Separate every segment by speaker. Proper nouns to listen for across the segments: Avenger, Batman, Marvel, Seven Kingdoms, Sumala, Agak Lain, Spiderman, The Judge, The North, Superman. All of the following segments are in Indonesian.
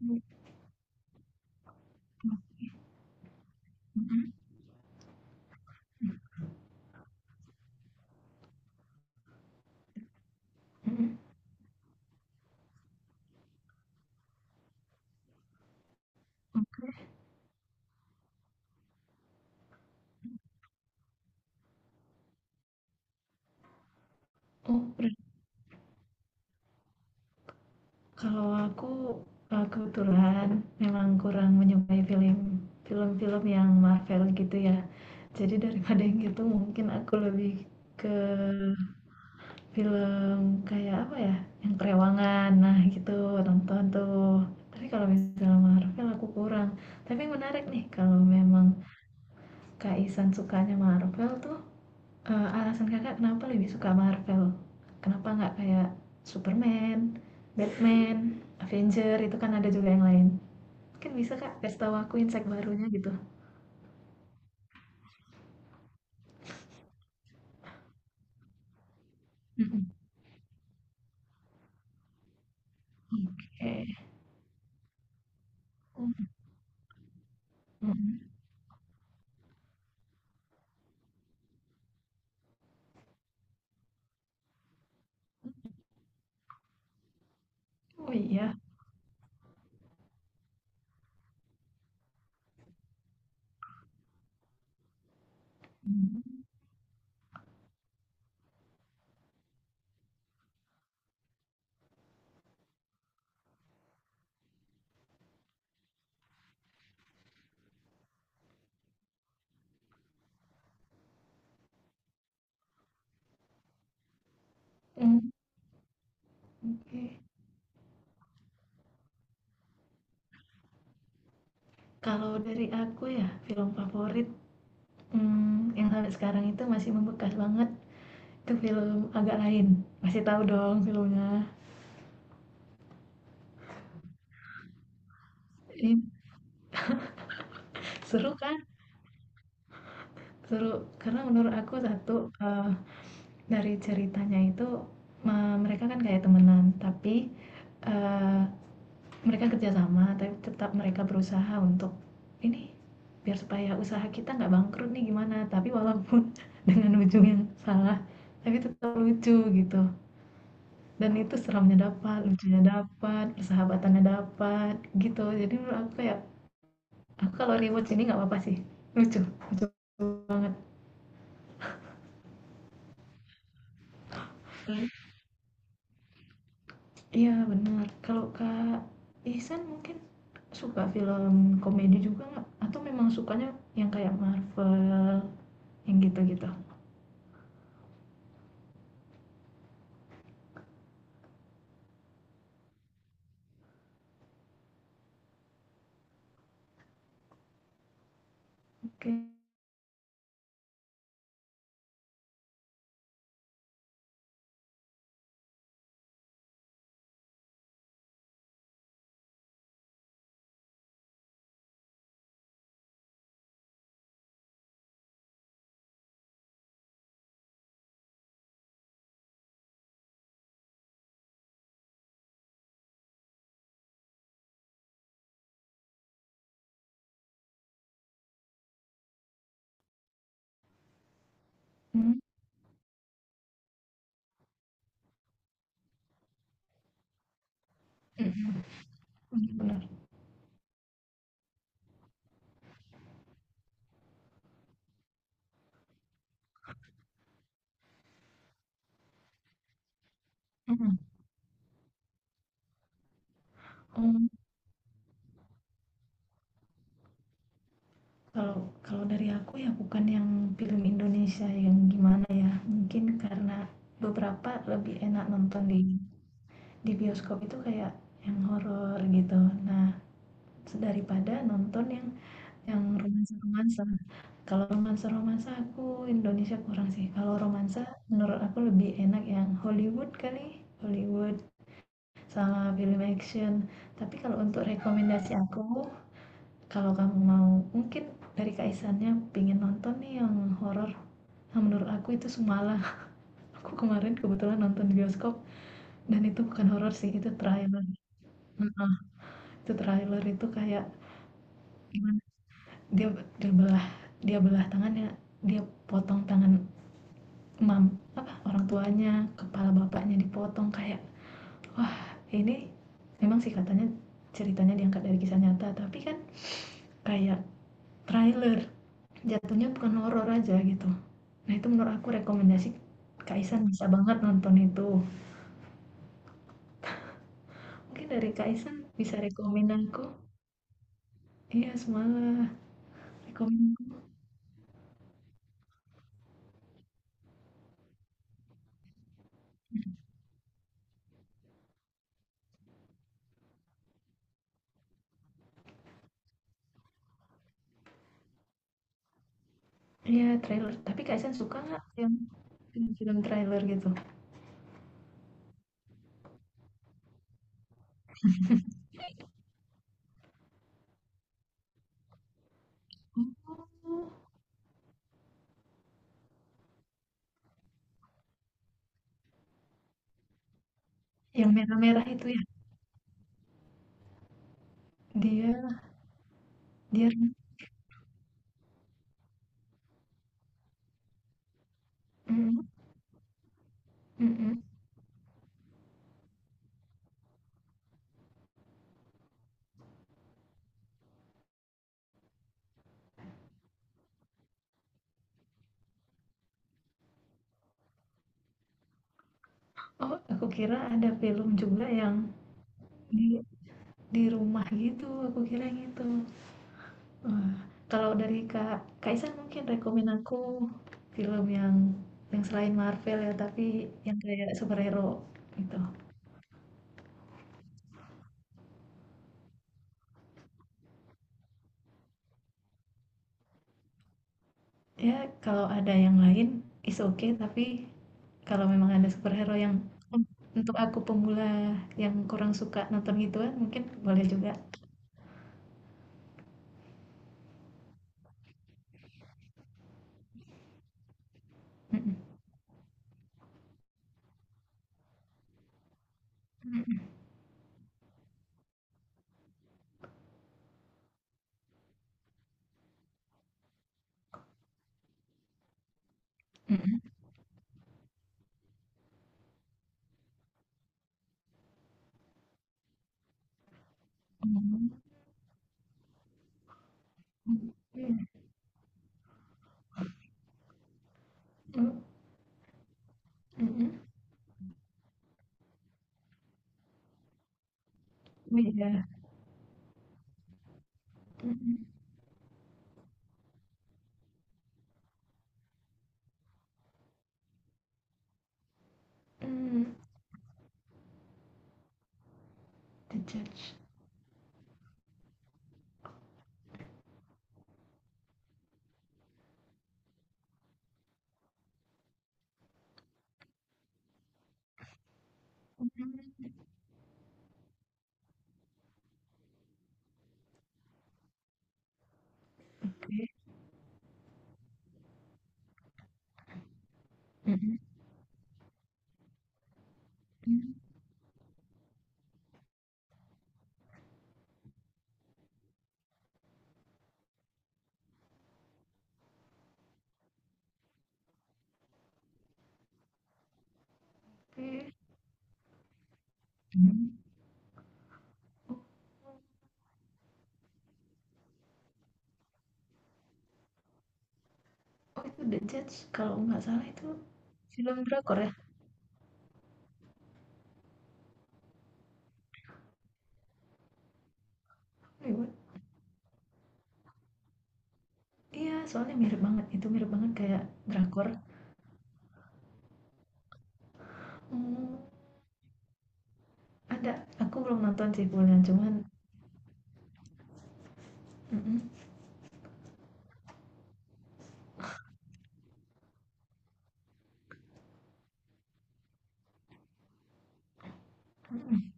Speaker 1: Mhm, mhm, mhm. Oh, ber kalau aku, kebetulan memang kurang menyukai film-film yang Marvel gitu ya. Jadi daripada yang gitu mungkin aku lebih ke film kayak apa ya, yang kerewangan, nah gitu, nonton tuh. Tapi kalau misalnya Marvel aku kurang. Tapi menarik nih kalau memang Kak Ihsan sukanya Marvel tuh. Alasan Kakak kenapa lebih suka Marvel? Kenapa nggak kayak Superman, Batman, Avenger, itu kan ada juga yang lain. Mungkin bisa Kak kasih tahu aku insight barunya gitu. Mhm, oke. Mmm, mhm. Oh iya? Mhm, mmm, oke. Kalau dari aku ya, film favorit, yang sampai sekarang itu masih membekas banget, itu film Agak Lain. Masih tahu dong filmnya? Iya. Seru kan? Seru, karena menurut aku satu, eee dari ceritanya itu, mereka kan kayak temenan, tapi, eee, mereka kerjasama tapi tetap mereka berusaha untuk, "Ini biar supaya usaha kita nggak bangkrut nih gimana?" Tapi walaupun dengan ujung yang salah, tapi tetap lucu gitu, dan itu seramnya dapat, lucunya dapat, persahabatannya dapat, gitu. Jadi menurut aku kayak, aku kalau rewatch ini nggak apa-apa sih, lucu lucu. Iya benar. Kalau Kak Ihsan mungkin suka film komedi juga nggak? Atau memang sukanya yang kayak Marvel, yang gitu-gitu? Oke. Mmm, mhm, bener bener. Mhm. Mmm, kalau kalau dari aku ya bukan yang film Indonesia yang gimana ya, mungkin karena beberapa lebih enak nonton di bioskop itu kayak yang horor gitu. Nah, daripada nonton yang. Yang romansa-romansa? Kalau romansa-romansa aku Indonesia kurang sih, kalau romansa menurut aku lebih enak yang Hollywood kali, Hollywood sama film action. Tapi kalau untuk rekomendasi aku, kalau kamu mau mungkin dari Kaisannya pengen nonton nih yang horor, nah menurut aku itu Sumala. Aku kemarin kebetulan nonton di bioskop dan itu bukan horor sih, itu trailer. Heeh, itu trailer itu kayak gimana, dia dia belah belah tangannya, dia potong tangan Mam apa, orang tuanya, kepala bapaknya dipotong kayak, wah ini memang sih katanya ceritanya diangkat dari kisah nyata, tapi kan kayak trailer, jatuhnya bukan horor aja gitu. Nah itu menurut aku rekomendasi Kak Isan bisa banget nonton itu. Mungkin dari Kak Isan bisa rekomen aku. Iya semalah, rekomen aku. Iya trailer, tapi Kak Isan suka nggak yang film-film trailer gitu? Oh, yang merah-merah itu ya? Dia, dia, mm, mm, mm. Oh, aku kira ada film juga yang di rumah gitu, aku kira gitu. Wah, kalau dari Kak Kaisan mungkin rekomen aku film yang selain Marvel ya, tapi yang kayak superhero gitu. Ya, kalau ada yang lain is okay, tapi kalau memang ada superhero yang un- untuk aku pemula yang kurang suka nonton gituan, mungkin boleh juga. Mm-mm. Mm-mm. Mm-mm. Mm-mm. Mm-mm. Mm-mm. Iya, mhm, mmm, The Judge. Mmm, oke. Mhm, mmm, oke. Mhm. Oh, oh, itu The Judge kalau nggak salah itu film drakor ya? Hollywood? Iya, soalnya mirip banget, itu mirip banget kayak drakor. Hmm, ada, aku belum nonton sih full-nya, cuman mhm, mhm,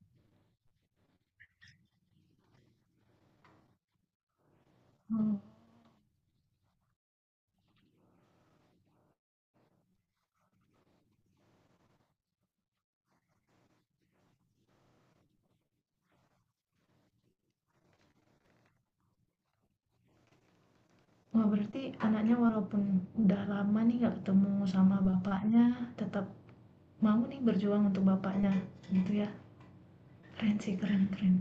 Speaker 1: oh. Wah, berarti anaknya walaupun udah lama nih nggak ketemu sama bapaknya, tetap mau nih berjuang untuk bapaknya, gitu ya? Keren sih, keren keren.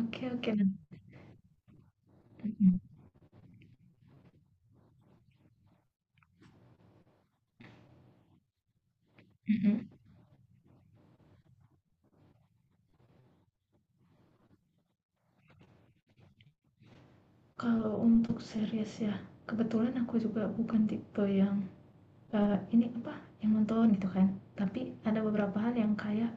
Speaker 1: Oke oke, mhm mhm. Kalau untuk series ya, kebetulan aku juga bukan tipe yang, ini apa, yang nonton gitu kan. Tapi ada beberapa hal yang kayak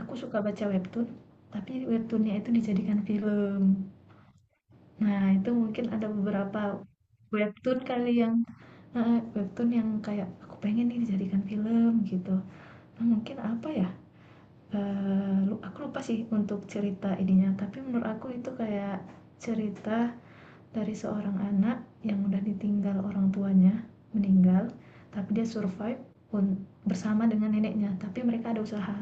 Speaker 1: aku suka baca webtoon, tapi webtoon itu dijadikan film. Nah, itu mungkin ada beberapa webtoon kali yang heeh, webtoon yang kayak, "Aku pengen nih dijadikan film," gitu. Nah, mungkin apa ya, eee, lu aku lupa sih untuk cerita ininya, tapi menurut aku itu kayak cerita dari seorang anak yang udah ditinggal orang tuanya meninggal tapi dia survive un- bersama dengan neneknya tapi mereka ada usaha.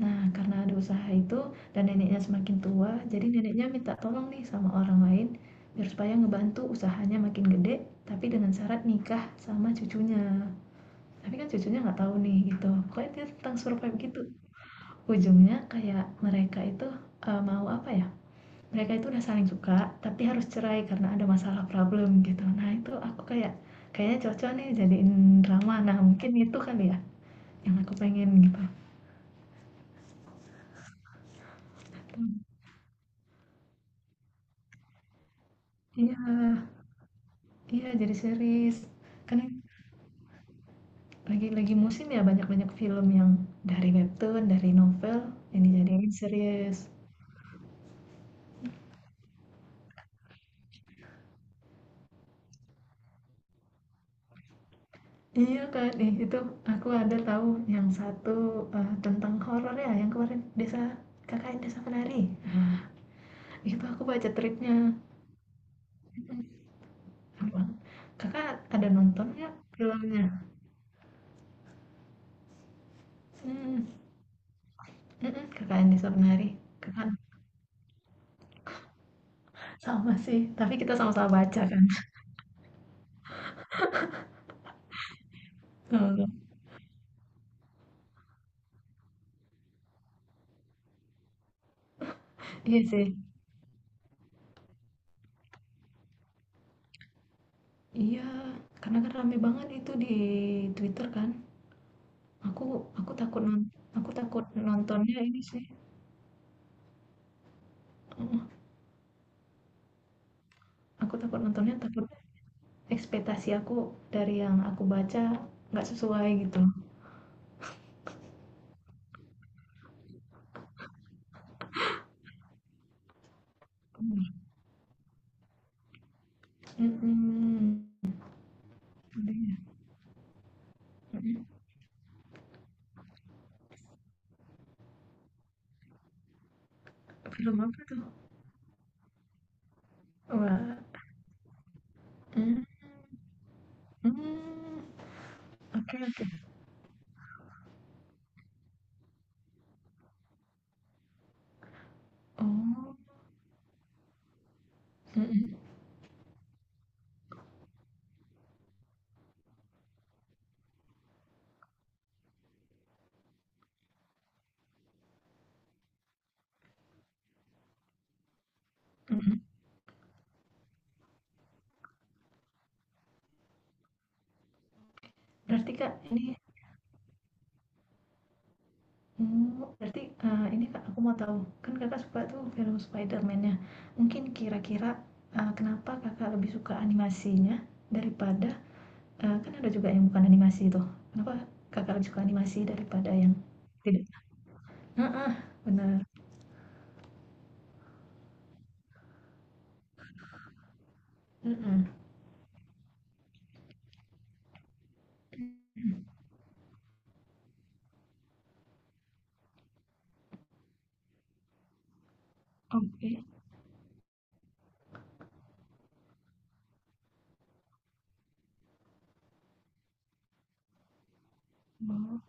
Speaker 1: Nah karena ada usaha itu dan neneknya semakin tua jadi neneknya minta tolong nih sama orang lain biar supaya ngebantu usahanya makin gede tapi dengan syarat nikah sama cucunya, tapi kan cucunya nggak tahu nih gitu pokoknya dia tentang survive gitu. Ujungnya kayak mereka itu mau apa ya, mereka itu udah saling suka, tapi harus cerai karena ada masalah problem gitu. Nah itu aku kayak, kayaknya cocok nih jadiin drama. Nah mungkin itu kan ya yang aku pengen gitu. Hmm, iya, iya jadi series. Kan lagi musim ya banyak-banyak film yang dari webtoon, dari novel yang dijadiin series. Iya kan, ih, itu aku ada tahu yang satu tentang horor ya yang kemarin desa kakak desa penari. Nah, itu aku baca tweetnya. Emang. Kakak ada nonton nggak filmnya? Mmm, mhm, Kakak Andi Surnari. Kakak sama sih, tapi kita sama-sama baca kan. Heeh. Iya sih. Iya, karena kan rame banget itu di Twitter kan. Aku aku takut non aku takut nontonnya ini sih, heeh, aku takut nontonnya takut ekspektasi aku dari yang aku baca nggak sesuai gitu. Mhm. Mhm. Film apa tuh? Wah, mmm. Hmm, oke oke. Oh, mhm mhm. Berarti Kak ini oh, berarti, ini Kak aku mau tahu, kan Kakak suka tuh film Spiderman nya mungkin kira-kira, kenapa Kakak lebih suka animasinya daripada eee, kan ada juga yang bukan animasi tuh, kenapa Kakak lebih suka animasi daripada yang tidak heeh, bener, mhm, mhm, oke, oh,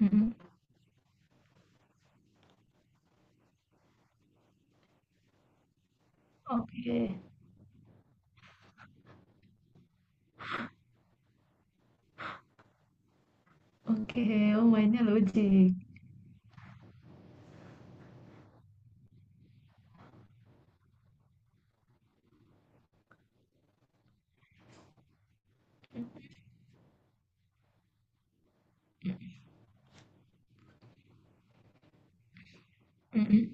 Speaker 1: mhm, oke oke, oh mainnya logik, mhm mhm.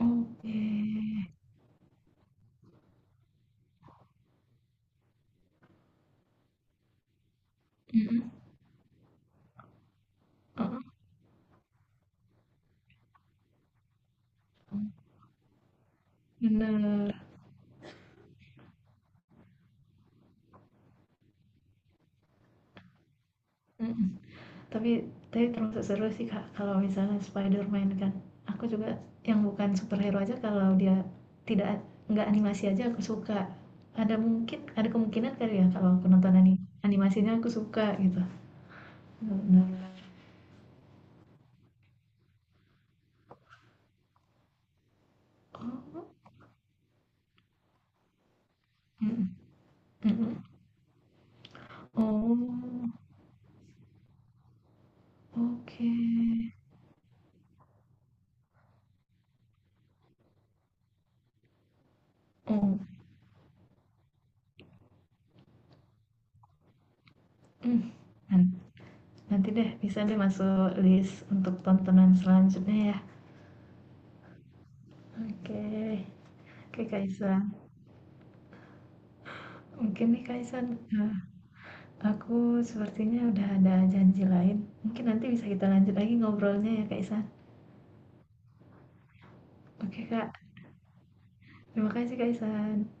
Speaker 1: Oke, mhm, heeh, bener, mhm, tapi tapi termasuk seru sih Kak, kalau misalnya Spiderman kan, aku juga yang bukan superhero aja kalau dia tidak nggak animasi aja aku suka. Ada mungkin ada kemungkinan kali ya kalau aku nonton ani animasinya aku suka gitu, bener. Oh, mhm, mhm, oh, oke, oh, mmm, nan nanti deh bisa deh masuk list untuk tontonan selanjutnya ya. Oke. Oke, Kak, mungkin nih, Kak Islan, aku sepertinya udah ada janji lain. Mungkin nanti bisa kita lanjut lagi ngobrolnya ya, Kak. Oke, Kak. Terima kasih, Kak.